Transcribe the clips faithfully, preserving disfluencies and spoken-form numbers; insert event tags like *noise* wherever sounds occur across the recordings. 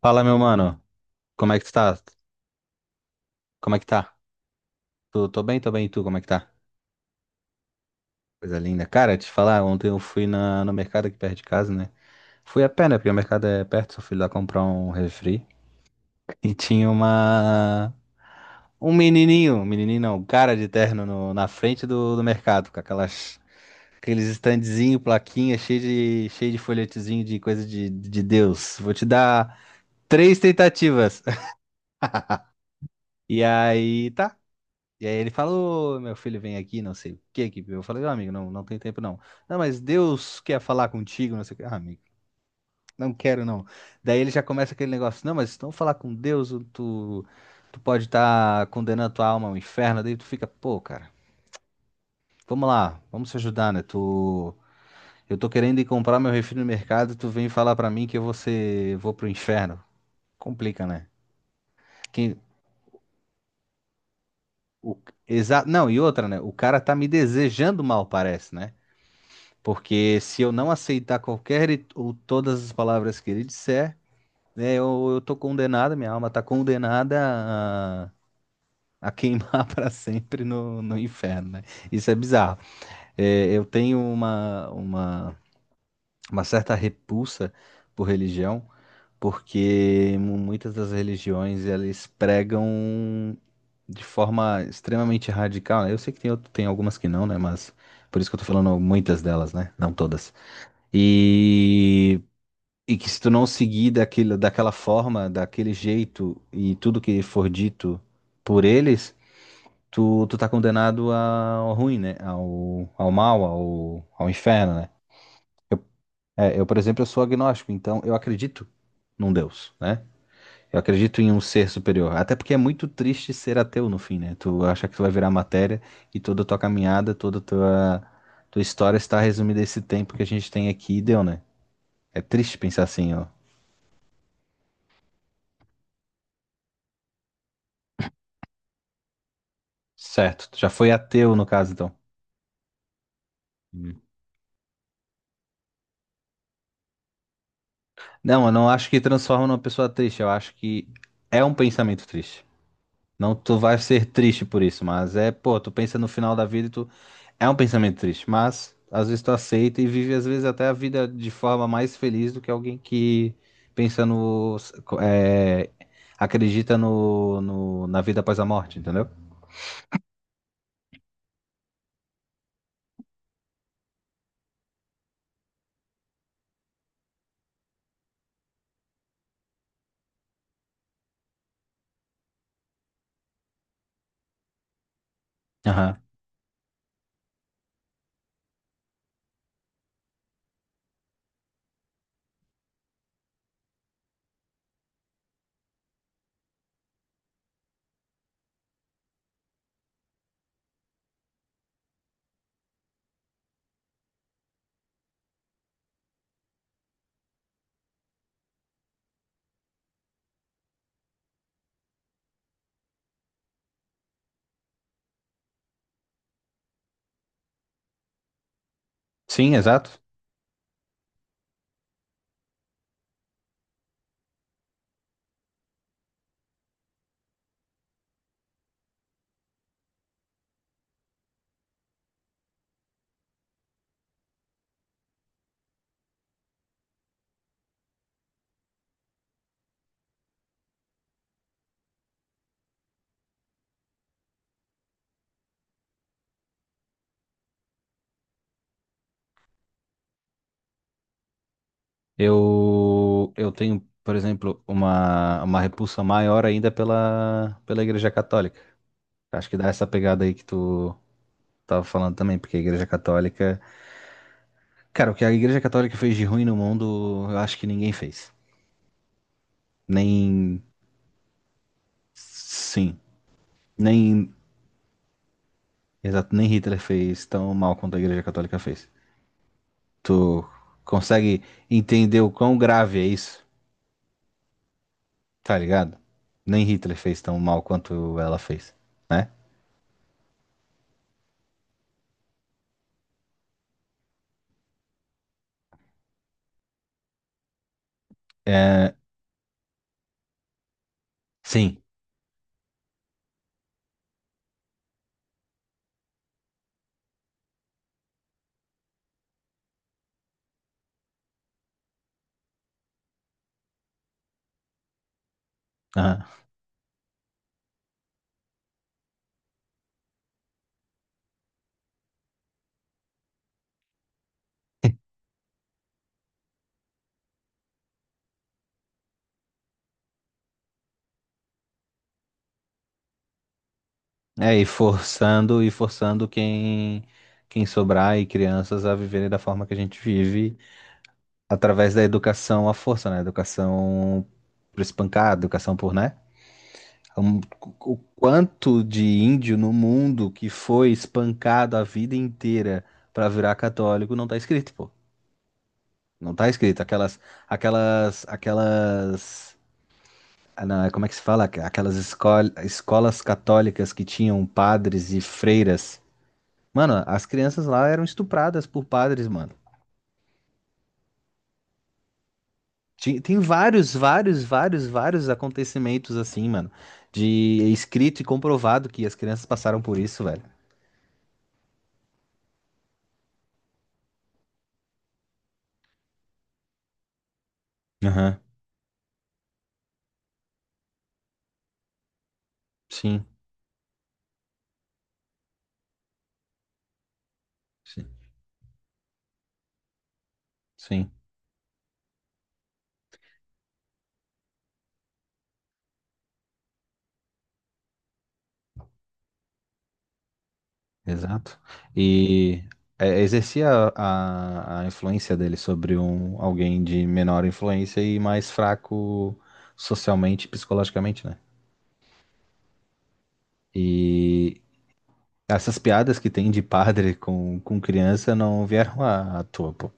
Fala, meu mano. Como é que tu tá? Como é que tá? Tô, tô bem, tô bem. E tu, como é que tá? Coisa linda. Cara, te falar, ontem eu fui na, no mercado aqui perto de casa, né? Fui a pé, né? Porque o mercado é perto, só fui lá comprar um refri. E tinha uma... Um menininho, um menininho não, um cara de terno no- na frente do, do mercado, com aquelas... Aqueles standzinho, plaquinha, cheio de, cheio de folhetezinho de coisa de, de Deus. Vou te dar três tentativas. *laughs* E aí, tá. E aí ele falou, meu filho, vem aqui, não sei o que que. Eu falei, "Ó, amigo, não, não tem tempo não. Não, mas Deus quer falar contigo, não sei o que. Ah, amigo, não quero não. Daí ele já começa aquele negócio, não, mas se não falar com Deus, tu, tu pode estar condenando tua alma ao inferno. Daí tu fica, pô, cara, vamos lá, vamos se ajudar, né? Tu, eu tô querendo ir comprar meu refri no mercado, tu vem falar pra mim que eu vou ser, vou pro inferno. Complica, né? Quem, o, exa, não, e outra, né? O cara tá me desejando mal, parece, né? Porque se eu não aceitar qualquer e- ou todas as palavras que ele disser, né, eu, eu tô condenado, minha alma tá condenada a, a queimar *laughs* para sempre no, no inferno, né? Isso é bizarro. É, eu tenho uma, uma, uma certa repulsa por religião, porque mu- muitas das religiões elas pregam de forma extremamente radical, né? Eu sei que tem, outro- tem algumas que não, né? Mas por isso que eu tô falando muitas delas, né? Não todas. E E que se tu não seguir daquilo, daquela forma, daquele jeito e tudo que for dito por eles, tu, tu tá condenado ao ruim, né? Ao, ao mal, ao, ao inferno, né? É, eu, por exemplo, eu sou agnóstico, então eu acredito num Deus, né? Eu acredito em um ser superior. Até porque é muito triste ser ateu no fim, né? Tu acha que tu vai virar matéria e toda a tua caminhada, toda a tua, tua história está resumida a esse tempo que a gente tem aqui e deu, né? É triste pensar assim, ó. Certo. Tu já foi ateu, no caso, então. Hum. Não, eu não acho que transforma numa pessoa triste. Eu acho que é um pensamento triste. Não, tu vai ser triste por isso, mas é, pô, tu pensa no final da vida e tu. É um pensamento triste, mas às vezes tu aceita e vive, às vezes, até a vida de forma mais feliz do que alguém que pensa no. É, acredita no, no- na vida após a morte, entendeu? Aham. Sim, exato. Eu, eu tenho, por exemplo, uma, uma repulsa maior ainda pela, pela Igreja Católica. Acho que dá essa pegada aí que tu tava falando também, porque a Igreja Católica. Cara, o que a Igreja Católica fez de ruim no mundo, eu acho que ninguém fez. Nem. Sim. Nem. Exato, nem Hitler fez tão mal quanto a Igreja Católica fez. Tu consegue entender o quão grave é isso? Tá ligado? Nem Hitler fez tão mal quanto ela fez, né? É, sim. Aham. É, e forçando e forçando quem quem sobrar e crianças a viverem da forma que a gente vive através da educação à força, né? Educação por espancar, educação por, né? Um- o quanto de índio no mundo que foi espancado a vida inteira para virar católico não tá escrito, pô. Não tá escrito. Aquelas, aquelas, aquelas ah, não, é como é que se fala? Aquelas escol- escolas católicas que tinham padres e freiras. Mano, as crianças lá eram estupradas por padres, mano. Ti- Tem vários, vários, vários, vários acontecimentos assim, mano. De é escrito e comprovado que as crianças passaram por isso, velho. Aham. Sim, sim, sim, exato. E é, exercia a, a influência dele sobre um, alguém de menor influência e mais fraco socialmente e psicologicamente, né? E essas piadas que tem de padre com, com criança não vieram à à toa, pô.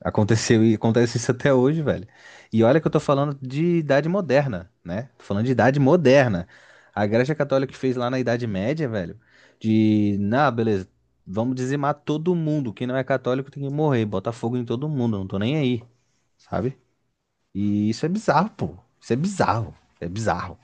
Aconteceu e acontece isso até hoje, velho. E olha que eu tô falando de idade moderna, né? Tô falando de idade moderna. A Igreja Católica que fez lá na Idade Média, velho, de, na, beleza, vamos dizimar todo mundo. Quem não é católico tem que morrer, bota fogo em todo mundo, não tô nem aí, sabe? E isso é bizarro, pô. Isso é bizarro. É bizarro.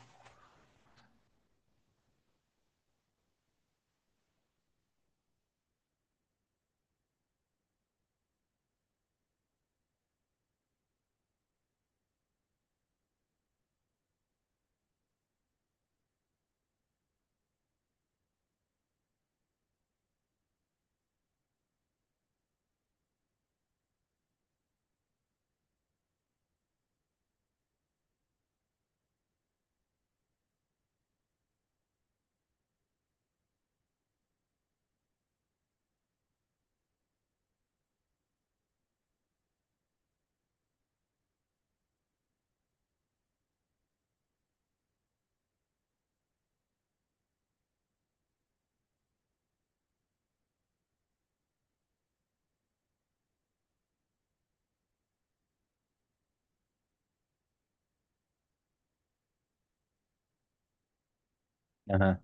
Aham.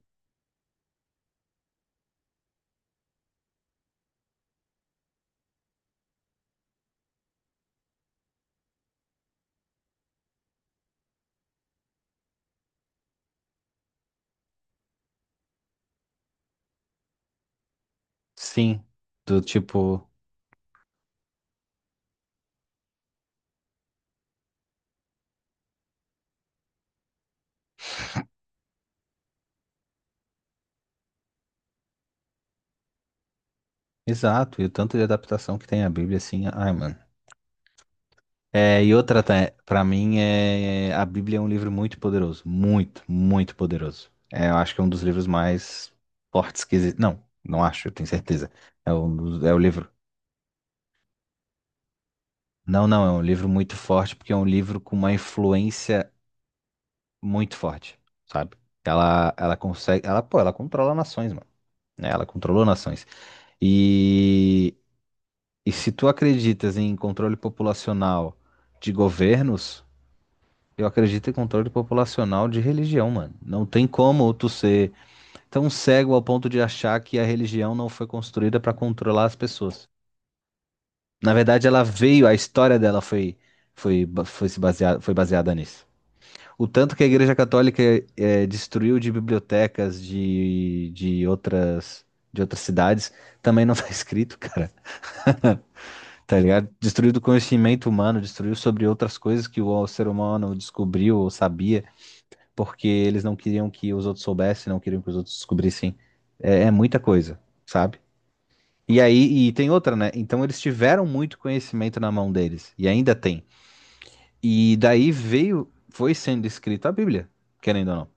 Sim, do tipo, exato, e o tanto de adaptação que tem a Bíblia, assim, ai, mano. É, e outra, para mim, é, a Bíblia é um livro muito poderoso. Muito, muito poderoso. É, eu acho que é um dos livros mais fortes que existe. Não, não acho, eu tenho certeza. É o, é o livro. Não, não, é um livro muito forte, porque é um livro com uma influência muito forte, sabe? Ela, ela consegue. Ela, pô, ela controla nações, mano. Né? Ela controlou nações. E, e se tu acreditas em controle populacional de governos. Eu acredito em controle populacional de religião, mano. Não tem como tu ser tão cego ao ponto de achar que a religião não foi construída para controlar as pessoas. Na verdade, ela veio, a história dela foi, foi, ba- foi, se baseada, foi baseada nisso. O tanto que a Igreja Católica eh, destruiu de bibliotecas de, de outras, de outras cidades também não *laughs* tá escrito, cara. *laughs* Tá ligado? Destruiu do conhecimento humano, destruiu sobre outras coisas que o ser humano descobriu ou sabia. Porque eles não queriam que os outros soubessem, não queriam que os outros descobrissem. É, é muita coisa, sabe? E aí, e tem outra, né? Então eles tiveram muito conhecimento na mão deles, e ainda tem. E daí veio, foi sendo escrita a Bíblia, querendo ou não.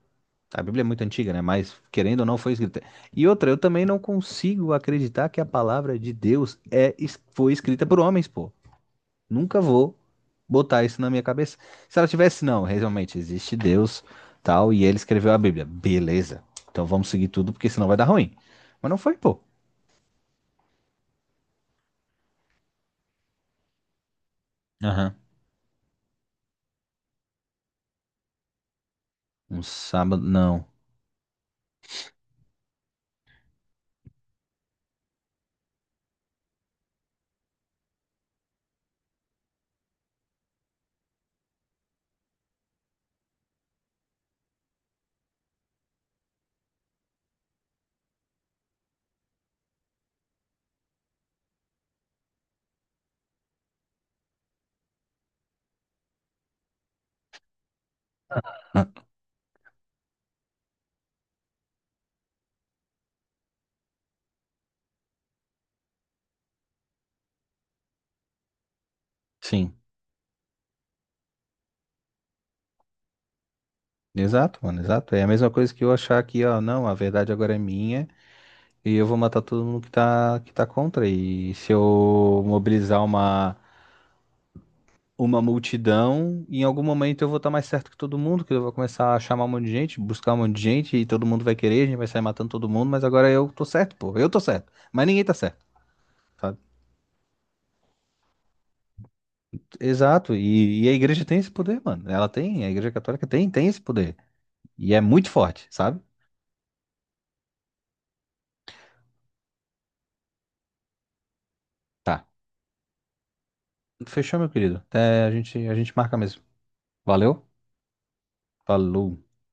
A Bíblia é muito antiga, né? Mas querendo ou não foi escrita. E outra, eu também não consigo acreditar que a palavra de Deus é, es- foi escrita por homens, pô. Nunca vou botar isso na minha cabeça. Se ela tivesse, não, realmente existe Deus, tal, e ele escreveu a Bíblia. Beleza. Então vamos seguir tudo, porque senão vai dar ruim. Mas não foi, pô. Aham. Um sábado, não. Sim. Exato, mano, exato. É a mesma coisa que eu achar que, ó, não, a verdade agora é minha e eu vou matar todo mundo que tá, que tá contra. E se eu mobilizar uma, uma multidão, e em algum momento eu vou estar mais certo que todo mundo, que eu vou começar a chamar um monte de gente, buscar um monte de gente, e todo mundo vai querer, a gente vai sair matando todo mundo, mas agora eu tô certo, pô, eu tô certo, mas ninguém tá certo, sabe? Exato, e, e a igreja tem esse poder, mano, ela tem, a igreja católica tem, tem esse poder, e é muito forte, sabe? Tá, fechou, meu querido, até a gente, a gente marca mesmo, valeu? Falou.